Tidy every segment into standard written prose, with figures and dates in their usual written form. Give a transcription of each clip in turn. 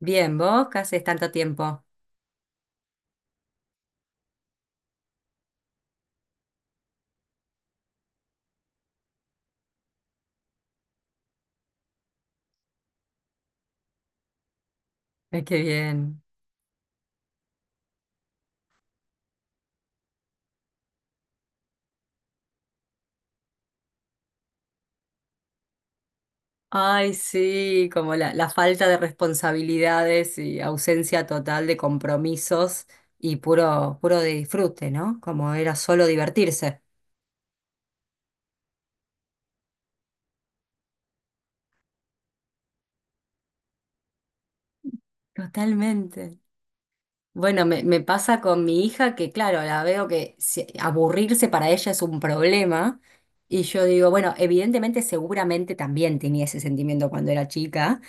Bien, ¿vos? ¿Qué haces tanto tiempo? Ay, qué bien. Ay, sí, como la falta de responsabilidades y ausencia total de compromisos y puro, puro de disfrute, ¿no? Como era solo divertirse. Totalmente. Bueno, me pasa con mi hija que, claro, la veo que aburrirse para ella es un problema. Y yo digo, bueno, evidentemente, seguramente también tenía ese sentimiento cuando era chica.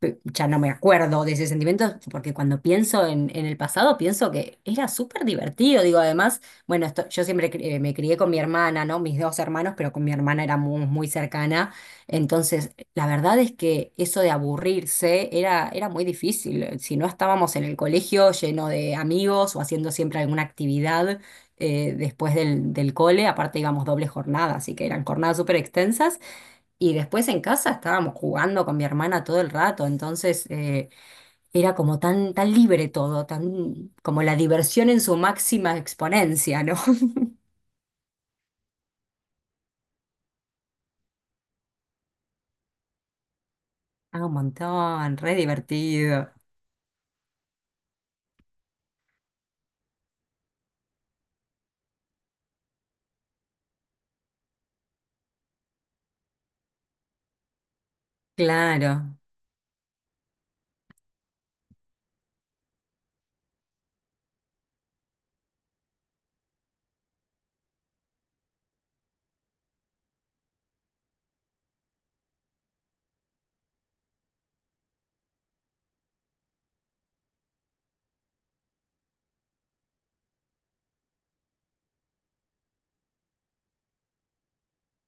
Ya no me acuerdo de ese sentimiento, porque cuando pienso en, el pasado, pienso que era súper divertido. Digo, además, bueno, esto, yo siempre me crié con mi hermana, ¿no? Mis dos hermanos, pero con mi hermana era muy, muy cercana. Entonces, la verdad es que eso de aburrirse era, muy difícil. Si no estábamos en el colegio lleno de amigos o haciendo siempre alguna actividad después del cole, aparte íbamos doble jornada, así que eran jornadas súper extensas. Y después en casa estábamos jugando con mi hermana todo el rato, entonces era como tan, tan libre todo, tan como la diversión en su máxima exponencia, ¿no? Ah, un montón, re divertido. Claro,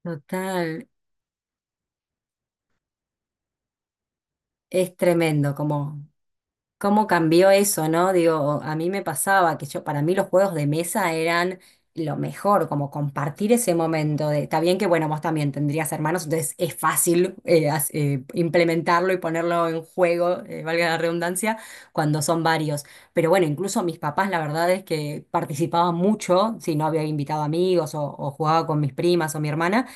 total. Es tremendo cómo cambió eso, ¿no? Digo, a mí me pasaba que yo, para mí los juegos de mesa eran lo mejor, como compartir ese momento de, está bien que, bueno, vos también tendrías hermanos, entonces es fácil implementarlo y ponerlo en juego, valga la redundancia, cuando son varios. Pero bueno, incluso mis papás, la verdad es que participaban mucho, si no había invitado amigos o, jugaba con mis primas o mi hermana.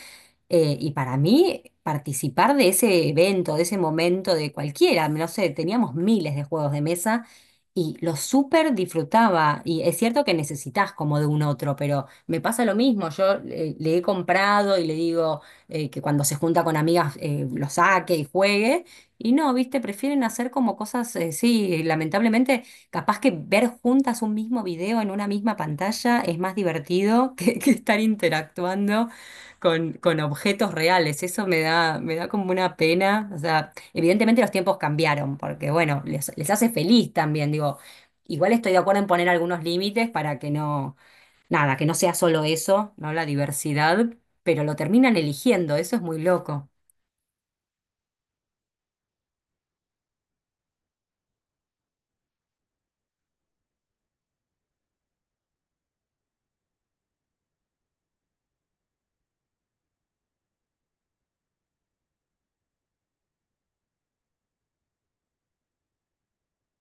Y para mí, participar de ese evento, de ese momento, de cualquiera, no sé, teníamos miles de juegos de mesa y lo súper disfrutaba. Y es cierto que necesitas como de un otro, pero me pasa lo mismo. Yo le he comprado y le digo que cuando se junta con amigas lo saque y juegue. Y no, viste, prefieren hacer como cosas, sí, lamentablemente, capaz que ver juntas un mismo video en una misma pantalla es más divertido que estar interactuando con objetos reales. Eso me da como una pena. O sea, evidentemente los tiempos cambiaron, porque bueno, les hace feliz también. Digo, igual estoy de acuerdo en poner algunos límites para que no, nada, que no sea solo eso, ¿no? La diversidad, pero lo terminan eligiendo, eso es muy loco.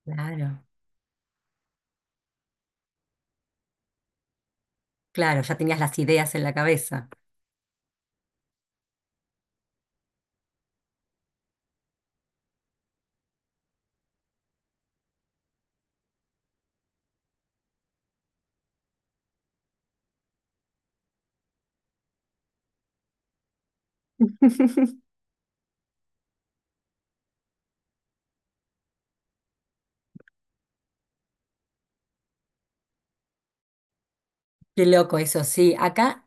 Claro. Claro, ya tenías las ideas en la cabeza. Qué loco eso, sí. Acá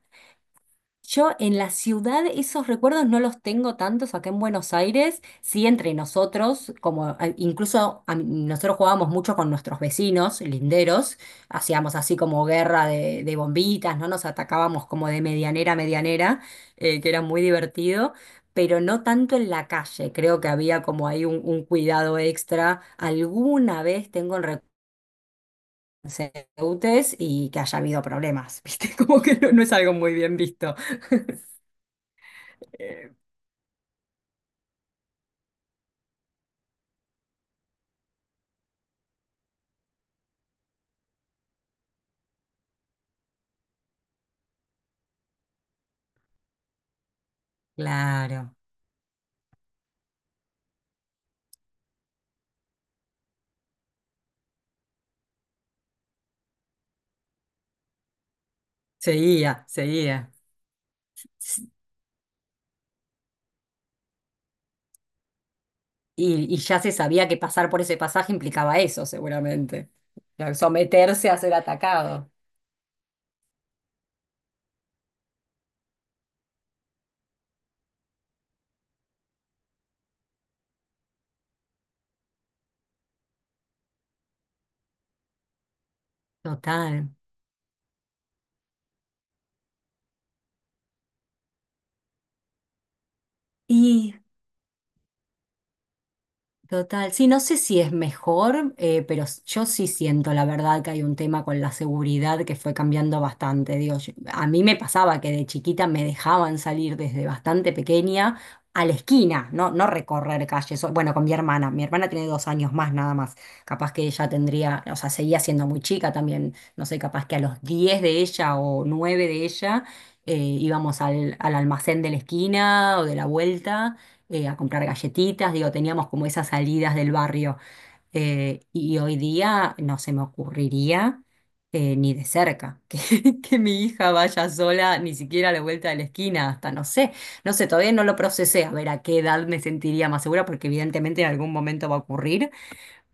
Yo en la ciudad esos recuerdos no los tengo tantos acá en Buenos Aires, sí entre nosotros, como a- incluso a mí- nosotros jugábamos mucho con nuestros vecinos linderos, hacíamos así como guerra de, bombitas, ¿no? Nos atacábamos como de medianera a medianera, que era muy divertido, pero no tanto en la calle, creo que había como ahí un, cuidado extra. Alguna vez tengo el recuerdo y que haya habido problemas, ¿viste? Como que no es algo muy bien visto. Claro, seguía, seguía. S- y ya se sabía que pasar por ese pasaje implicaba eso, seguramente. O sea, someterse a ser atacado. Total. Y Total, sí, no sé si es mejor, pero yo sí siento la verdad que hay un tema con la seguridad que fue cambiando bastante. Digo, a mí me pasaba que de chiquita me dejaban salir desde bastante pequeña a la esquina, no, no recorrer calles. Bueno, con mi hermana, tiene 2 años más nada más. Capaz que ella tendría, o sea, seguía siendo muy chica también, no sé, capaz que a los 10 de ella o 9 de ella íbamos al, almacén de la esquina o de la vuelta a comprar galletitas, digo, teníamos como esas salidas del barrio. Y hoy día no se me ocurriría ni de cerca que mi hija vaya sola ni siquiera a la vuelta de la esquina, hasta no sé, no sé, todavía no lo procesé, a ver a qué edad me sentiría más segura, porque evidentemente en algún momento va a ocurrir,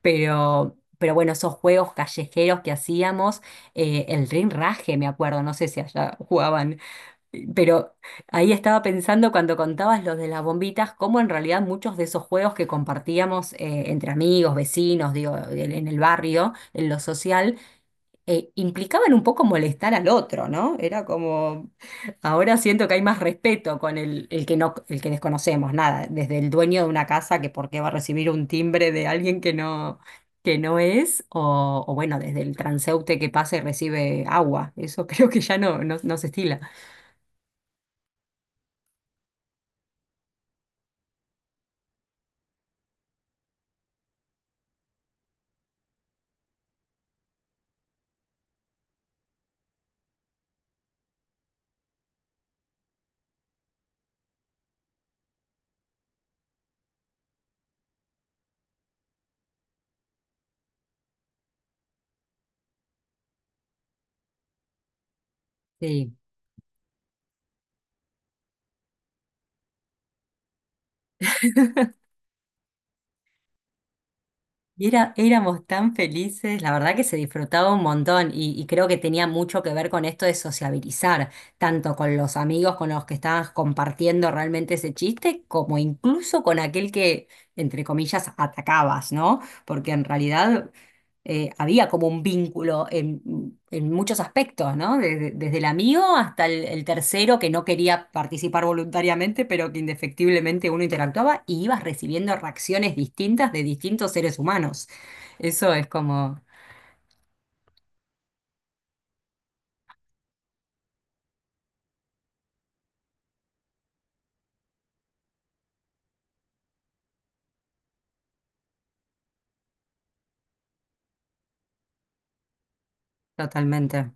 Pero bueno, esos juegos callejeros que hacíamos, el rinraje, me acuerdo, no sé si allá jugaban, pero ahí estaba pensando cuando contabas los de las bombitas, cómo en realidad muchos de esos juegos que compartíamos entre amigos, vecinos, digo, en el barrio, en lo social, implicaban un poco molestar al otro, ¿no? Era como, ahora siento que hay más respeto con el que no, el que desconocemos, nada, desde el dueño de una casa que por qué va a recibir un timbre de alguien que no es, o bueno, desde el transeúnte que pasa y recibe agua. Eso creo que ya no, no, no se estila. Sí. Y éramos tan felices, la verdad que se disfrutaba un montón y creo que tenía mucho que ver con esto de sociabilizar, tanto con los amigos con los que estabas compartiendo realmente ese chiste, como incluso con aquel que, entre comillas, atacabas, ¿no? Porque en realidad había como un vínculo en, muchos aspectos, ¿no? desde, el amigo hasta el tercero que no quería participar voluntariamente, pero que indefectiblemente uno interactuaba y ibas recibiendo reacciones distintas de distintos seres humanos. Eso es como totalmente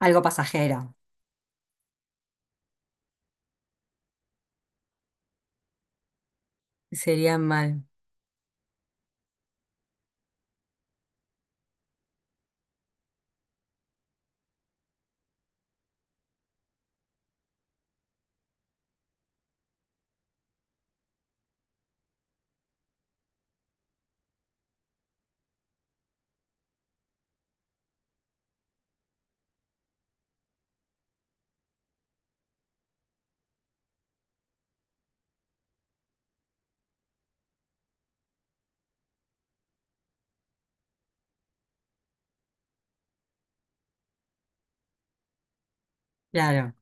algo pasajero. Sería mal, claro.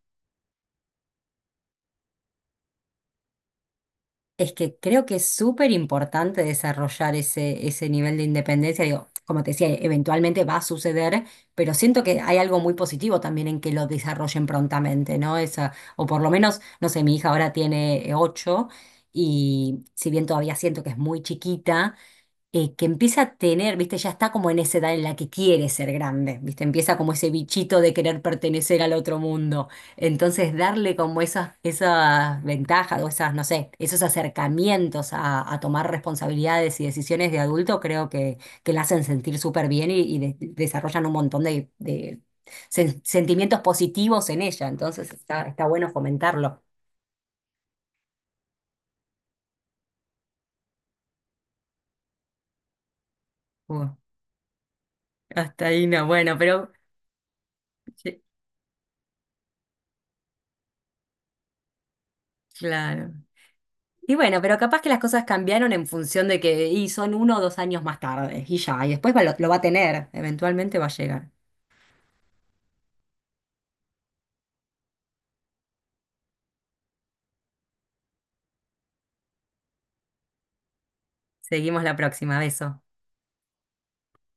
Es que creo que es súper importante desarrollar ese nivel de independencia. Digo, como te decía, eventualmente va a suceder, pero siento que hay algo muy positivo también en que lo desarrollen prontamente, ¿no? Esa, o por lo menos, no sé, mi hija ahora tiene 8 y si bien todavía siento que es muy chiquita, que empieza a tener, viste, ya está como en esa edad en la que quiere ser grande, viste, empieza como ese bichito de querer pertenecer al otro mundo. Entonces, darle como esas, ventajas o esas, no sé, esos acercamientos a tomar responsabilidades y decisiones de adulto, creo que, la hacen sentir súper bien y desarrollan un montón de sentimientos positivos en ella. Entonces, está bueno fomentarlo. Uh, Hasta ahí no, bueno, pero... sí, claro. Y bueno, pero capaz que las cosas cambiaron en función de que y son 1 o 2 años más tarde, y ya, y después lo va a tener, eventualmente va a llegar. Seguimos la próxima, beso.